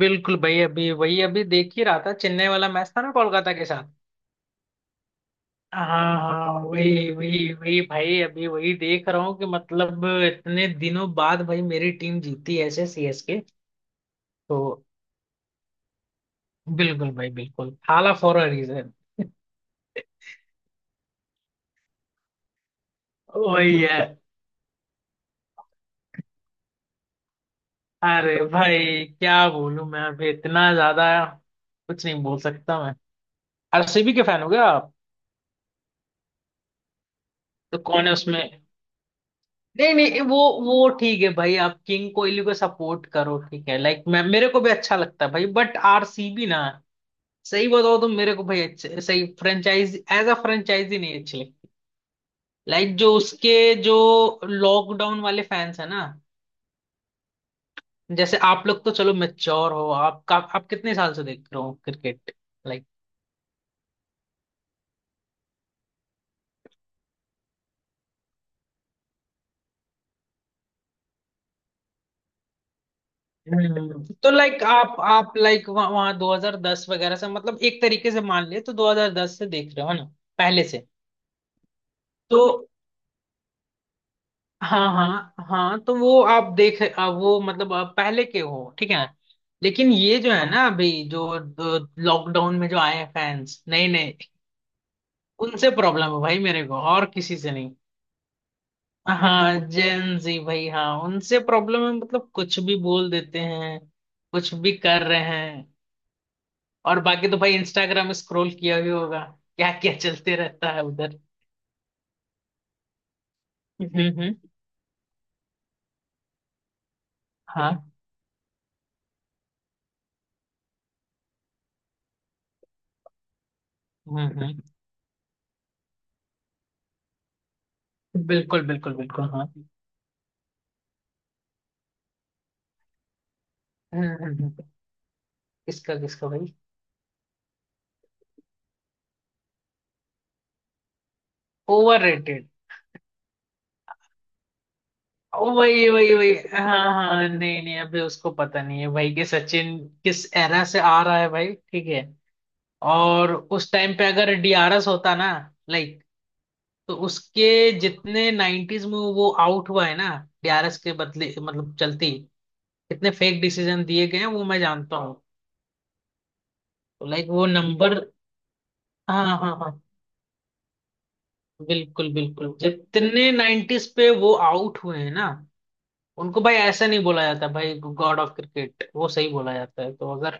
बिल्कुल भाई, अभी वही अभी देख ही रहा था। चेन्नई वाला मैच था ना कोलकाता के साथ। हाँ। हाँ, वही वही वही भाई, अभी वही देख रहा हूँ कि मतलब इतने दिनों बाद भाई मेरी टीम जीती ऐसे, सीएसके। तो बिल्कुल भाई, बिल्कुल हाला फॉर अ रीजन। वही है। अरे भाई क्या बोलूं मैं, अभी इतना ज्यादा कुछ नहीं बोल सकता मैं। आरसीबी के फैन हो गया आप? तो कौन है उसमें? नहीं नहीं, वो ठीक है भाई, आप किंग कोहली को सपोर्ट करो ठीक है, लाइक मैं, मेरे को भी अच्छा लगता है भाई, बट आरसीबी ना, सही बताओ तो मेरे को भाई अच्छे, सही फ्रेंचाइज, एज अ फ्रेंचाइजी नहीं अच्छी लगती। लाइक जो उसके, जो लॉकडाउन वाले फैंस है ना, जैसे आप लोग तो चलो मेच्योर हो आप का, आप कितने साल से देख रहे हो क्रिकेट, लाइक। तो लाइक आप लाइक वहां 2010 वगैरह से, मतलब एक तरीके से मान लिए तो 2010 से देख रहे हो है ना, पहले से। तो हाँ हाँ हाँ, तो वो आप देख, आप वो मतलब आप पहले के हो ठीक है। लेकिन ये जो है ना, अभी जो लॉकडाउन में जो आए हैं फैंस नए नए, उनसे प्रॉब्लम है भाई मेरे को, और किसी से नहीं। हाँ जेन जी भाई, हाँ उनसे प्रॉब्लम है, मतलब कुछ भी बोल देते हैं, कुछ भी कर रहे हैं। और बाकी तो भाई इंस्टाग्राम स्क्रॉल किया ही होगा, क्या क्या चलते रहता है उधर। हम्म। हाँ। हम्म, बिल्कुल बिल्कुल बिल्कुल, हाँ हम्म हम्म। किसका किसका भाई? Over rated? वही वही वही हाँ हाँ, नहीं नहीं, अभी उसको पता नहीं है भाई कि सचिन किस एरा से आ रहा है भाई, ठीक है। और उस टाइम पे अगर डीआरएस होता ना, लाइक, तो उसके, जितने 90s में वो आउट हुआ है ना, डीआरएस के बदले मतलब चलती, कितने फेक डिसीजन दिए गए हैं वो मैं जानता हूँ। तो लाइक वो नंबर, हाँ हाँ हाँ, बिल्कुल बिल्कुल, जितने 90s पे वो आउट हुए हैं ना, उनको भाई ऐसा नहीं बोला जाता, भाई गॉड ऑफ क्रिकेट वो सही बोला जाता है तो अगर।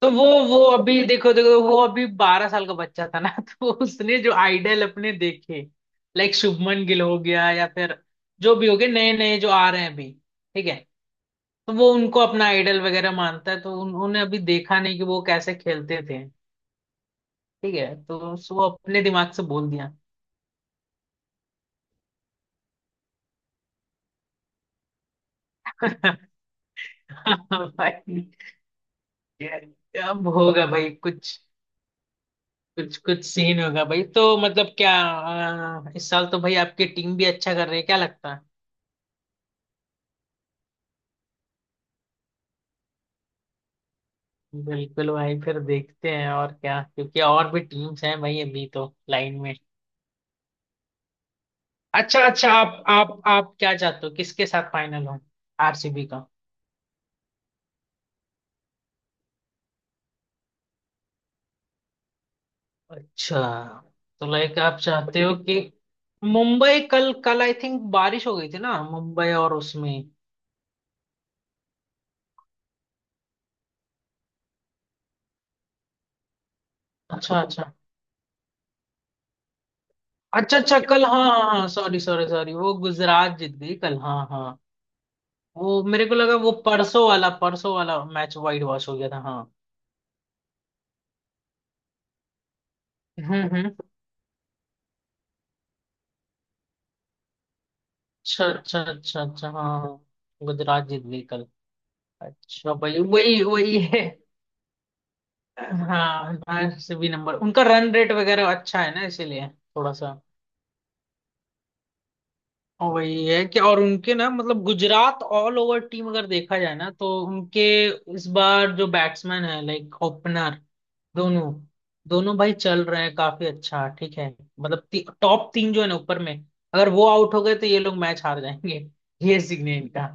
तो वो अभी देखो देखो, वो अभी बारह साल का बच्चा था ना तो उसने जो आइडल अपने देखे, लाइक शुभमन गिल हो गया या फिर जो भी हो गए नए नए जो आ रहे हैं अभी, ठीक है। तो वो उनको अपना आइडल वगैरह मानता है, तो उन्होंने अभी देखा नहीं कि वो कैसे खेलते थे, ठीक है। तो वो अपने दिमाग से बोल दिया। भाई, अब होगा भाई कुछ, कुछ कुछ सीन होगा भाई, तो मतलब क्या, इस साल तो भाई आपकी टीम भी अच्छा कर रही है, क्या लगता है? बिल्कुल भाई, फिर देखते हैं और क्या, क्योंकि और भी टीम्स हैं भाई अभी तो लाइन में। अच्छा अच्छा, आप क्या चाहते हो, किसके साथ फाइनल हो? आरसीबी का? अच्छा, तो लाइक आप चाहते हो कि मुंबई, कल कल आई थिंक बारिश हो गई थी ना मुंबई, और उसमें। अच्छा अच्छा अच्छा अच्छा, कल हाँ हाँ हाँ, सॉरी सॉरी सॉरी, वो गुजरात जीत गई कल, हाँ हाँ। वो मेरे को लगा, वो परसों वाला मैच वाइट वॉश हो गया था, हाँ। हम्म। अच्छा अच्छा अच्छा अच्छा हाँ हाँ। हाँ। गुजरात जीत गई कल। अच्छा भाई, वही वही है। हाँ आरसीबी नंबर, उनका रन रेट वगैरह अच्छा है ना इसीलिए। थोड़ा सा। और वही है कि, और उनके ना मतलब गुजरात, ऑल ओवर टीम अगर देखा जाए ना, तो उनके इस बार जो बैट्समैन है, लाइक ओपनर, दोनों, दोनों भाई चल रहे हैं काफी अच्छा, ठीक है। मतलब टॉप तीन जो है ना ऊपर में, अगर वो आउट हो गए तो ये लोग मैच हार जाएंगे। ये सीन है इनका।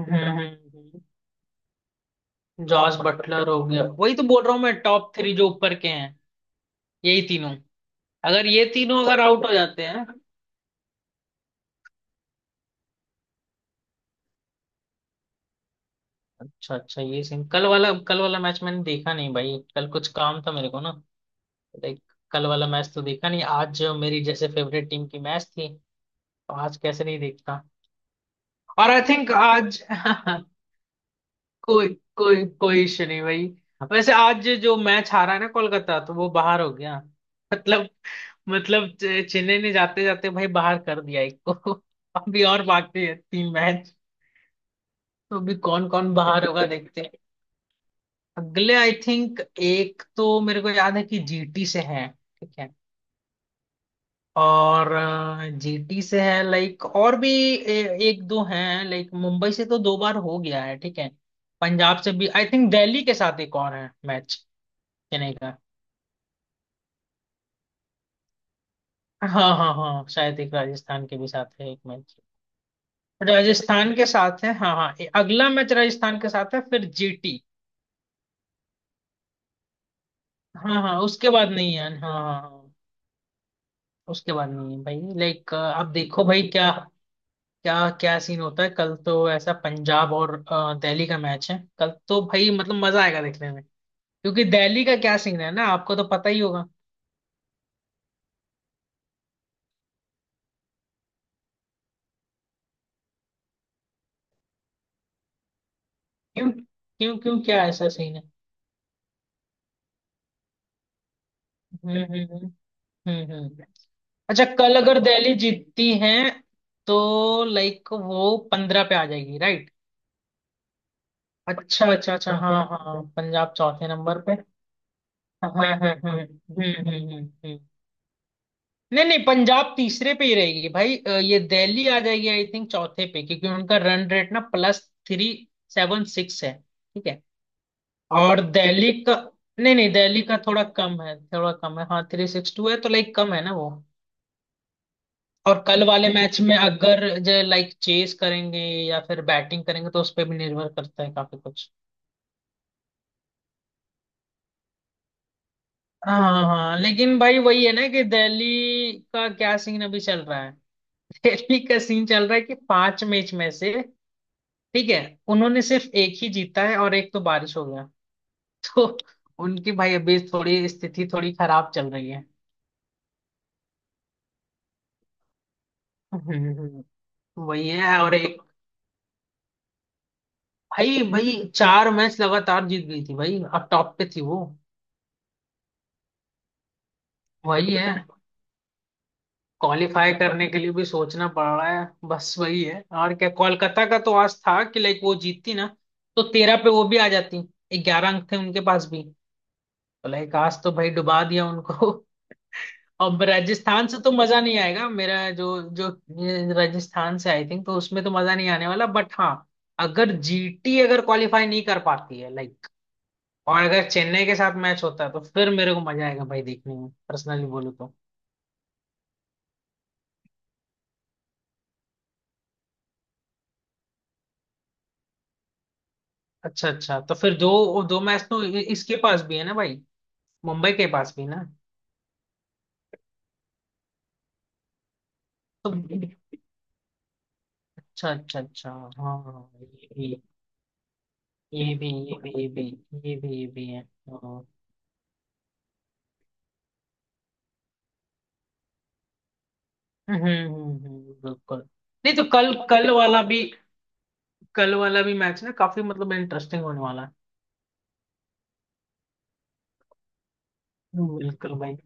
हम्म, हम्म, हम्म। जॉस बटलर हो गया, वही तो बोल रहा हूँ मैं, टॉप थ्री जो ऊपर के हैं, यही तीनों, अगर ये तीनों अगर आउट हो जाते हैं। अच्छा अच्छा, ये सीन, कल वाला मैच मैंने देखा नहीं भाई, कल कुछ काम था मेरे को ना, लाइक। कल वाला मैच तो देखा नहीं, आज जो मेरी जैसे फेवरेट टीम की मैच थी, तो आज कैसे नहीं देखता। और आई थिंक आज कोई, कोई कोई इशू नहीं भाई। वैसे आज जो मैच हारा है ना कोलकाता, तो वो बाहर हो गया, मतलब, मतलब चेन्नई ने जाते जाते भाई बाहर कर दिया एक को। अभी और बाकी है तीन मैच, तो अभी कौन कौन बाहर होगा देखते हैं। अगले आई थिंक, एक तो मेरे को याद है कि जीटी से है, ठीक है। और जीटी से है, लाइक, और भी एक दो हैं, लाइक मुंबई से तो दो बार हो गया है, ठीक है। पंजाब से भी आई थिंक, दिल्ली के साथ एक और है मैच, चेन्नई का। हाँ हाँ हाँ, शायद एक राजस्थान के भी साथ है एक मैच। राजस्थान के साथ है, हाँ हाँ, अगला मैच राजस्थान के साथ है, फिर जीटी। हाँ हाँ उसके बाद नहीं है, हाँ हाँ हाँ, उसके बाद नहीं है भाई, लाइक आप देखो भाई, क्या, क्या क्या सीन होता है, कल तो ऐसा पंजाब और दिल्ली का मैच है कल, तो भाई मतलब मजा आएगा देखने में, क्योंकि दिल्ली का क्या सीन है ना, आपको तो पता ही होगा। क्यों? क्यों क्यों, क्या ऐसा सीन है? हम्म, हम्म। अच्छा, कल अगर दिल्ली जीतती है, तो लाइक वो पंद्रह पे आ जाएगी, राइट? अच्छा अच्छा अच्छा हाँ हाँ, पंजाब चौथे नंबर पे। हाँ हाँ हाँ हाँ, हम्म हम्म हम्म। नहीं नहीं, पंजाब तीसरे पे ही रहेगी भाई, ये दिल्ली आ जाएगी आई थिंक चौथे पे, क्योंकि उनका रन रेट ना प्लस थ्री सेवन सिक्स है, ठीक है। और दिल्ली का, नहीं नहीं दिल्ली का थोड़ा कम है, थोड़ा कम है, हाँ थ्री सिक्स टू है, तो लाइक कम है ना वो। और कल वाले मैच में अगर जो लाइक चेस करेंगे या फिर बैटिंग करेंगे, तो उस पर भी निर्भर करता है काफी कुछ। हाँ हाँ हाँ, लेकिन भाई वही है ना कि दिल्ली का क्या सीन अभी चल रहा है। दिल्ली का सीन चल रहा है कि पांच मैच में से, ठीक है, उन्होंने सिर्फ एक ही जीता है और एक तो बारिश हो गया। तो उनकी भाई अभी थोड़ी स्थिति, थोड़ी खराब चल रही है। हम्म, वही है और एक, भाई भाई चार मैच लगातार जीत गई थी भाई, अब टॉप पे थी वो। वही है, क्वालिफाई करने के लिए भी सोचना पड़ रहा है, बस वही है और क्या। कोलकाता का तो आज था कि लाइक वो जीतती ना, तो तेरह पे वो भी आ जाती, ग्यारह अंक थे उनके पास भी तो, लाइक आज तो भाई डुबा दिया उनको। अब राजस्थान से तो मजा नहीं आएगा मेरा, जो जो ये राजस्थान से आई थिंक, तो उसमें तो मजा नहीं आने वाला, बट हाँ, अगर जीटी अगर क्वालिफाई नहीं कर पाती है लाइक, और अगर चेन्नई के साथ मैच होता है, तो फिर मेरे को मजा आएगा भाई देखने में, पर्सनली बोलूँ तो। अच्छा अच्छा, तो फिर दो दो मैच तो इसके पास भी है ना भाई, मुंबई के पास भी ना। तो अच्छा अच्छा अच्छा हाँ हाँ, ये भी ये भी ये भी ये भी ये भी ये भी है हाँ। बिल्कुल। नहीं तो कल, कल वाला भी मैच ना काफी मतलब इंटरेस्टिंग होने वाला है। बिल्कुल भाई।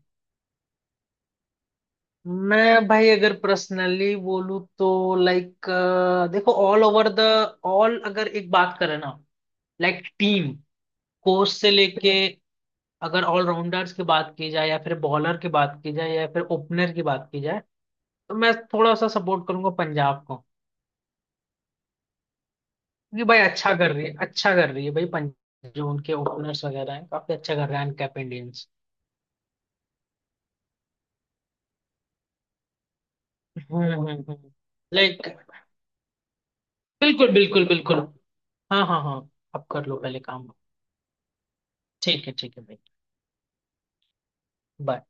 मैं भाई अगर पर्सनली बोलूँ तो, लाइक देखो ऑल ओवर द, ऑल, अगर एक बात करें ना, लाइक टीम, कोच से लेके, अगर ऑलराउंडर्स की बात की जाए या फिर बॉलर की बात की जाए या फिर ओपनर की बात की जाए, तो मैं थोड़ा सा सपोर्ट करूंगा पंजाब को। क्योंकि भाई अच्छा कर रही है, अच्छा कर रही है भाई पंजाब, जो उनके ओपनर्स वगैरह हैं काफी अच्छा कर रहे हैं, कैप इंडियंस। हम्म। लाइक, बिल्कुल बिल्कुल बिल्कुल, हाँ हाँ हाँ। आप कर लो पहले काम, ठीक है भाई। Bye.